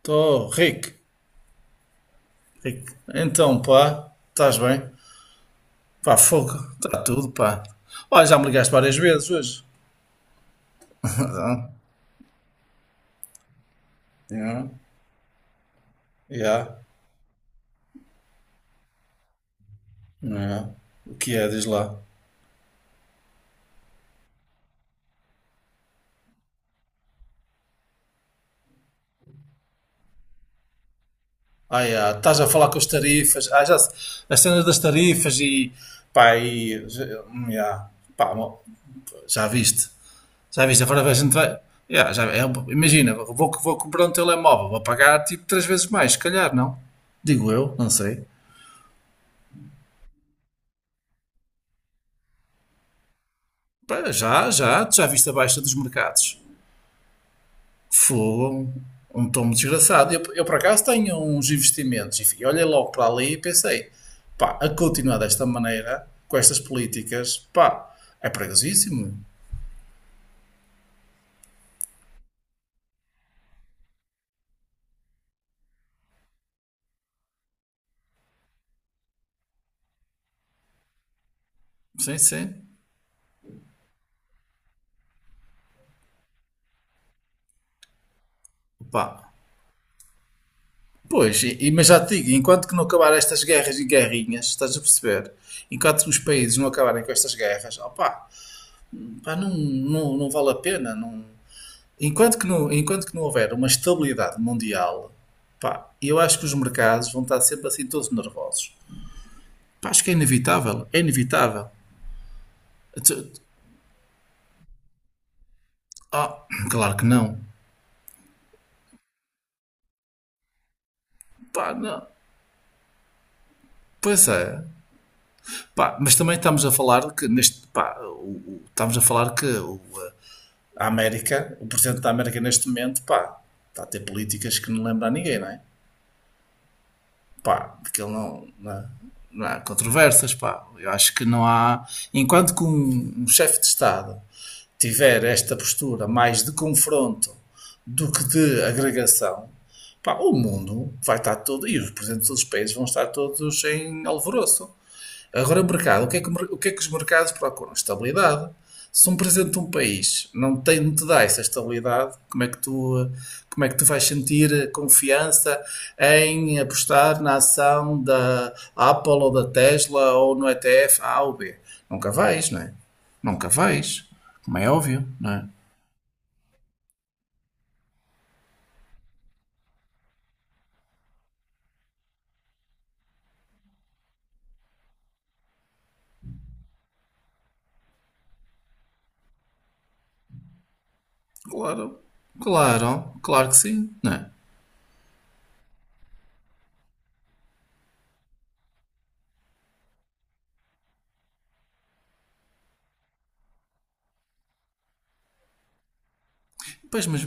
Tô, Rick, Rick. Então, pá, estás bem? Pá, fogo, está tudo, pá. Olha, já me ligaste várias vezes hoje. Ah, yeah, yeah, yeah. O que é, diz lá? Ah, yeah, estás a falar com as tarifas. Ah, já, se- as cenas das tarifas e, pá, yeah, pá, já viste. Já viste, agora a gente vai, yeah, já, é, imagina, vou comprar um telemóvel, vou pagar tipo três vezes mais, se calhar, não? Digo eu, não sei. Pá, já, tu já viste a baixa dos mercados. Fogo, um tomo desgraçado. Eu por acaso tenho uns investimentos e olhei logo para ali e pensei, pá, a continuar desta maneira, com estas políticas, pá, é perigosíssimo. Sim, sim. Pá. Pois, mas já te digo, enquanto que não acabar estas guerras e guerrinhas, estás a perceber? Enquanto os países não acabarem com estas guerras, opá, pá, não vale a pena, não. Enquanto que não houver uma estabilidade mundial, pá, eu acho que os mercados vão estar sempre assim todos nervosos. Pá, acho que é inevitável, é inevitável. Tu- Ah, claro que não. Pá, não. Pois é. Pá, mas também estamos a falar que neste, pá, estamos a falar que o, a América, o presidente da América neste momento, pá, está a ter políticas que não lembra a ninguém, não é? Pá, porque ele não, não há controvérsias, pá. Eu acho que não há, enquanto que um chefe de Estado tiver esta postura mais de confronto do que de agregação, pá, o mundo vai estar todo, e os presidentes dos países vão estar todos em alvoroço. Agora, o mercado, o que é que os mercados procuram? Estabilidade. Se um presidente de um país não tem, não te dá essa estabilidade, como é que tu, como é que tu vais sentir confiança em apostar na ação da Apple ou da Tesla ou no ETF A ou B? Nunca vais, não é? Nunca vais, como é óbvio, não é? Claro, claro, claro que sim, não é? Pois, mas,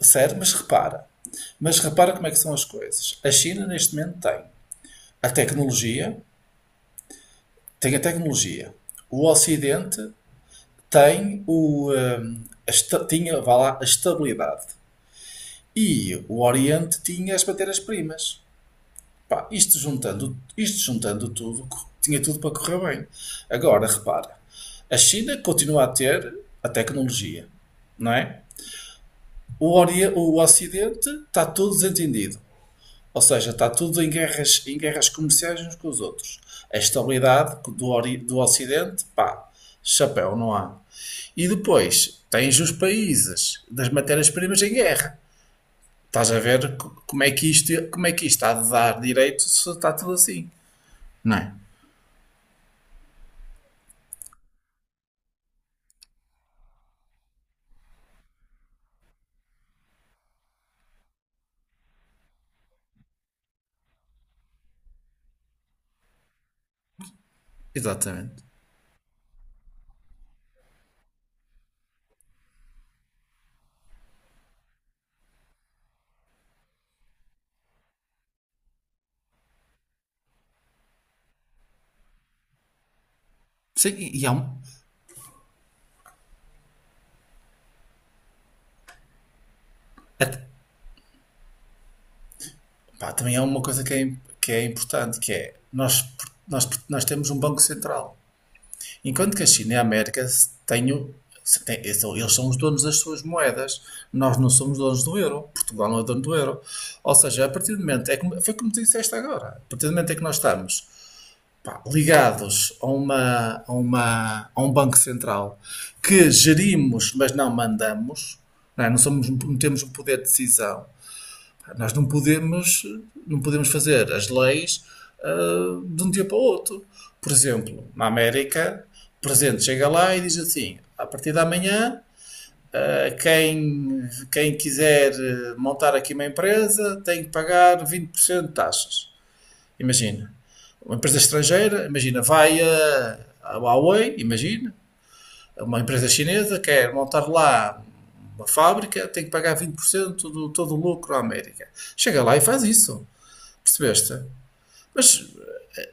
sério, mas repara como é que são as coisas. A China neste momento tem a tecnologia, tem a tecnologia. O Ocidente tem o, tinha, vá lá, a estabilidade. E o Oriente tinha as matérias-primas. Pá, isto juntando tudo, tinha tudo para correr bem. Agora, repara, a China continua a ter a tecnologia, não é? O Ocidente está todo desentendido. Ou seja, está tudo em guerras comerciais uns com os outros. A estabilidade do Ocidente, pá, chapéu, não há. E depois tens os países das matérias-primas em guerra. Estás a ver como é que isto está a dar direito se está tudo assim. Não é? Exatamente. Sim, e há um. Até- pá, também há uma coisa que é importante, que é nós temos um Banco Central. Enquanto que a China e a América têm, eles são os donos das suas moedas, nós não somos donos do euro, Portugal não é dono do euro. Ou seja, a partir do momento, foi como tu disseste agora, a partir do momento em que nós estamos pá, ligados a, a um banco central que gerimos, mas não mandamos, não, é? Não temos um poder de decisão, nós não podemos, não podemos fazer as leis de um dia para o outro. Por exemplo, na América, o presidente chega lá e diz assim: a partir de amanhã, quem quiser montar aqui uma empresa tem que pagar 20% de taxas. Imagina. Uma empresa estrangeira, imagina, a Huawei, imagina, uma empresa chinesa quer montar lá uma fábrica, tem que pagar 20% do todo o lucro à América. Chega lá e faz isso. Percebeste? Mas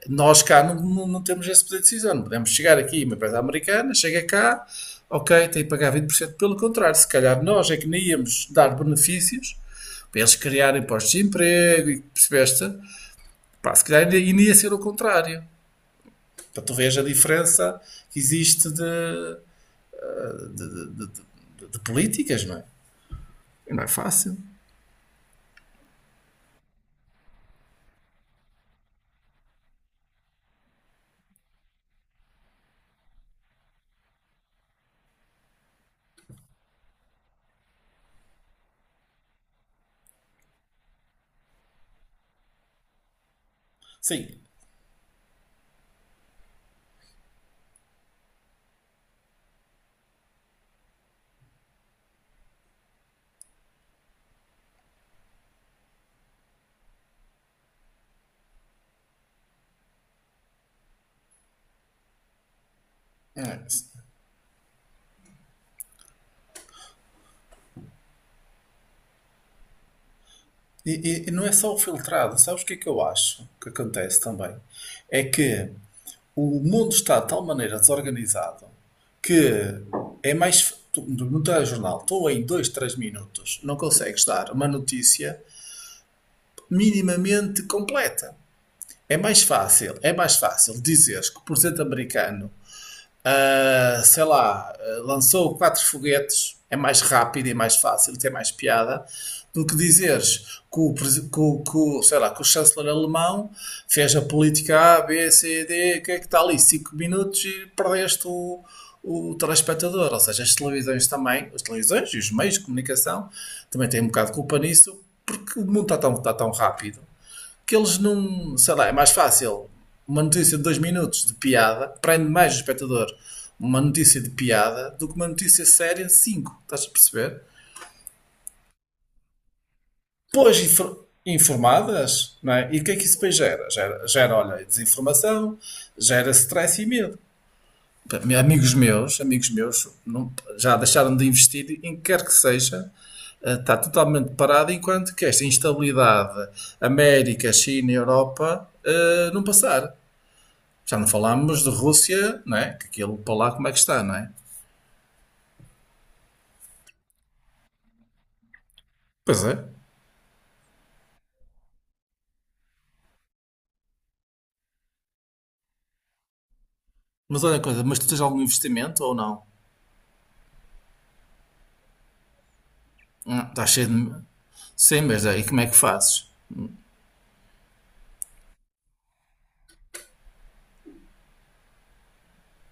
nós cá não temos esse poder de decisão. Não podemos chegar aqui, uma empresa americana chega cá, ok, tem que pagar vinte por cento. Pelo contrário, se calhar nós é que nem íamos dar benefícios para eles criarem postos de emprego, e percebeste? Pá, se calhar ainda, ainda ia ser o contrário. Para tu veres a diferença que existe de políticas, não é? E não é fácil. Sim. é? E não é só o filtrado. Sabes o que é que eu acho que acontece também? É que o mundo está de tal maneira desorganizado que é mais. Tu, no telejornal, tu em dois três minutos não consegues dar uma notícia minimamente completa. É mais fácil dizeres que o presidente americano lançou quatro foguetes, é mais rápido e mais fácil, tem mais piada, do que dizeres que o, sei lá, que o chanceler alemão fez a política A, B, C, D, o que é que está ali? Cinco minutos e perdeste o telespectador. Ou seja, as televisões também, as televisões e os meios de comunicação também têm um bocado de culpa nisso, porque o mundo está tão rápido que eles não. Sei lá, é mais fácil. Uma notícia de dois minutos de piada prende mais o espectador uma notícia de piada do que uma notícia séria de 5. Estás a perceber? Pois informadas, não é? E o que é que isso depois gera? Gera olha, desinformação, gera stress e medo. Amigos meus, já deixaram de investir em que quer que seja, está totalmente parado enquanto que esta instabilidade América, China e Europa não passar. Já não falámos de Rússia, não é? Que aquilo para lá como é que está, não é? Pois é. Mas olha a coisa, mas tu tens algum investimento ou não? Está cheio de. Sim, mas aí como é que fazes?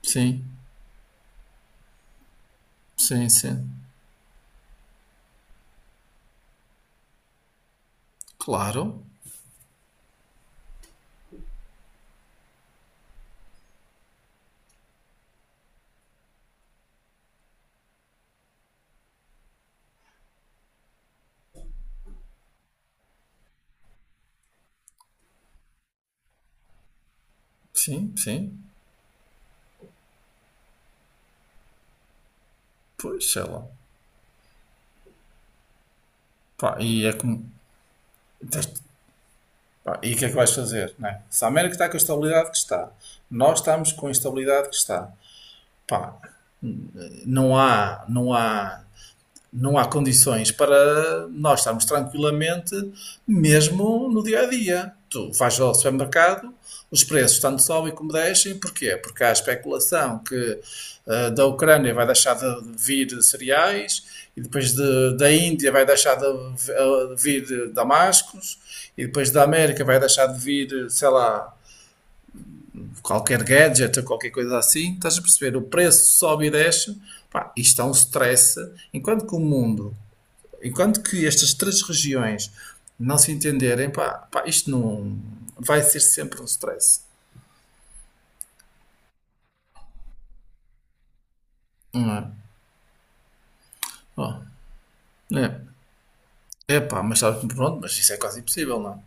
Sim, sim, sim. Claro, sim, sim. Pois sei lá. Pá, e é como. tens- pá, e o que é que vais fazer? Não é? Se a América está com a estabilidade que está, nós estamos com a instabilidade que está. Pá, não há. Não há condições para nós estarmos tranquilamente, mesmo no dia a dia. Tu vais ao supermercado, os preços tanto sobem como descem, porquê? Porque há a especulação que da Ucrânia vai deixar de vir cereais, e depois da Índia vai deixar de vir damascos, e depois da América vai deixar de vir, sei lá, qualquer gadget ou qualquer coisa assim. Estás a perceber? O preço sobe e desce. Pá, isto é um stress. Enquanto que o mundo Enquanto que estas três regiões não se entenderem, pá, pá, isto não vai ser sempre um stress. Não é? Oh, é. É pá, mas sabe, pronto, mas isso é quase impossível, não é?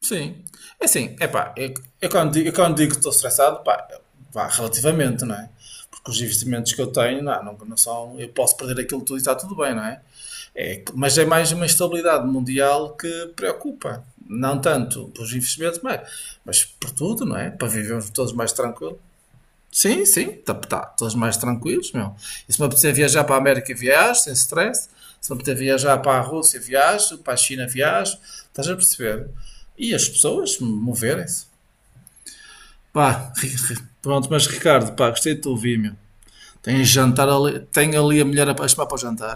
Sim. É assim, é pá, eu, eu quando digo que estou estressado, pá, vá, relativamente, não é? Porque os investimentos que eu tenho, não são, eu posso perder aquilo tudo e está tudo bem, não é? Mas é mais uma estabilidade mundial que preocupa. Não tanto pelos investimentos, mas por tudo, não é? Para vivermos todos mais tranquilos. Sim, sim, tá, tá, todos mais tranquilos, meu. E se me apetecer viajar para a América, viajo, sem stress. Se me apetecer viajar para a Rússia, viajo, para a China, viajo. Estás a perceber? E as pessoas moverem-se. Pá, pronto, mas Ricardo, pá, gostei de te ouvir, meu. Tem jantar ali, tem ali a mulher a chamar para o jantar.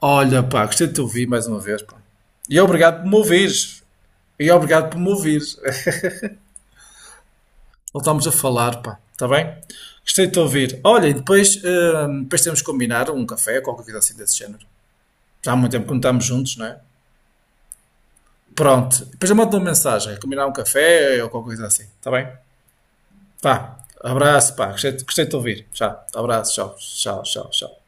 Olha, pá, gostei de te ouvir mais uma vez, pá. E obrigado por me ouvires. E obrigado por me ouvires. Voltámos a falar, pá. Está bem? Gostei de te ouvir. Olha, e depois, depois temos que combinar um café, qualquer coisa assim desse género. Já há muito tempo que não estamos juntos, não é? Pronto. Depois eu mando uma mensagem. Combinar um café ou qualquer coisa assim. Está bem? Pá. Abraço, pá. Gostei, gostei de te ouvir. Tchau. Abraço. Tchau. Tchau, tchau, tchau.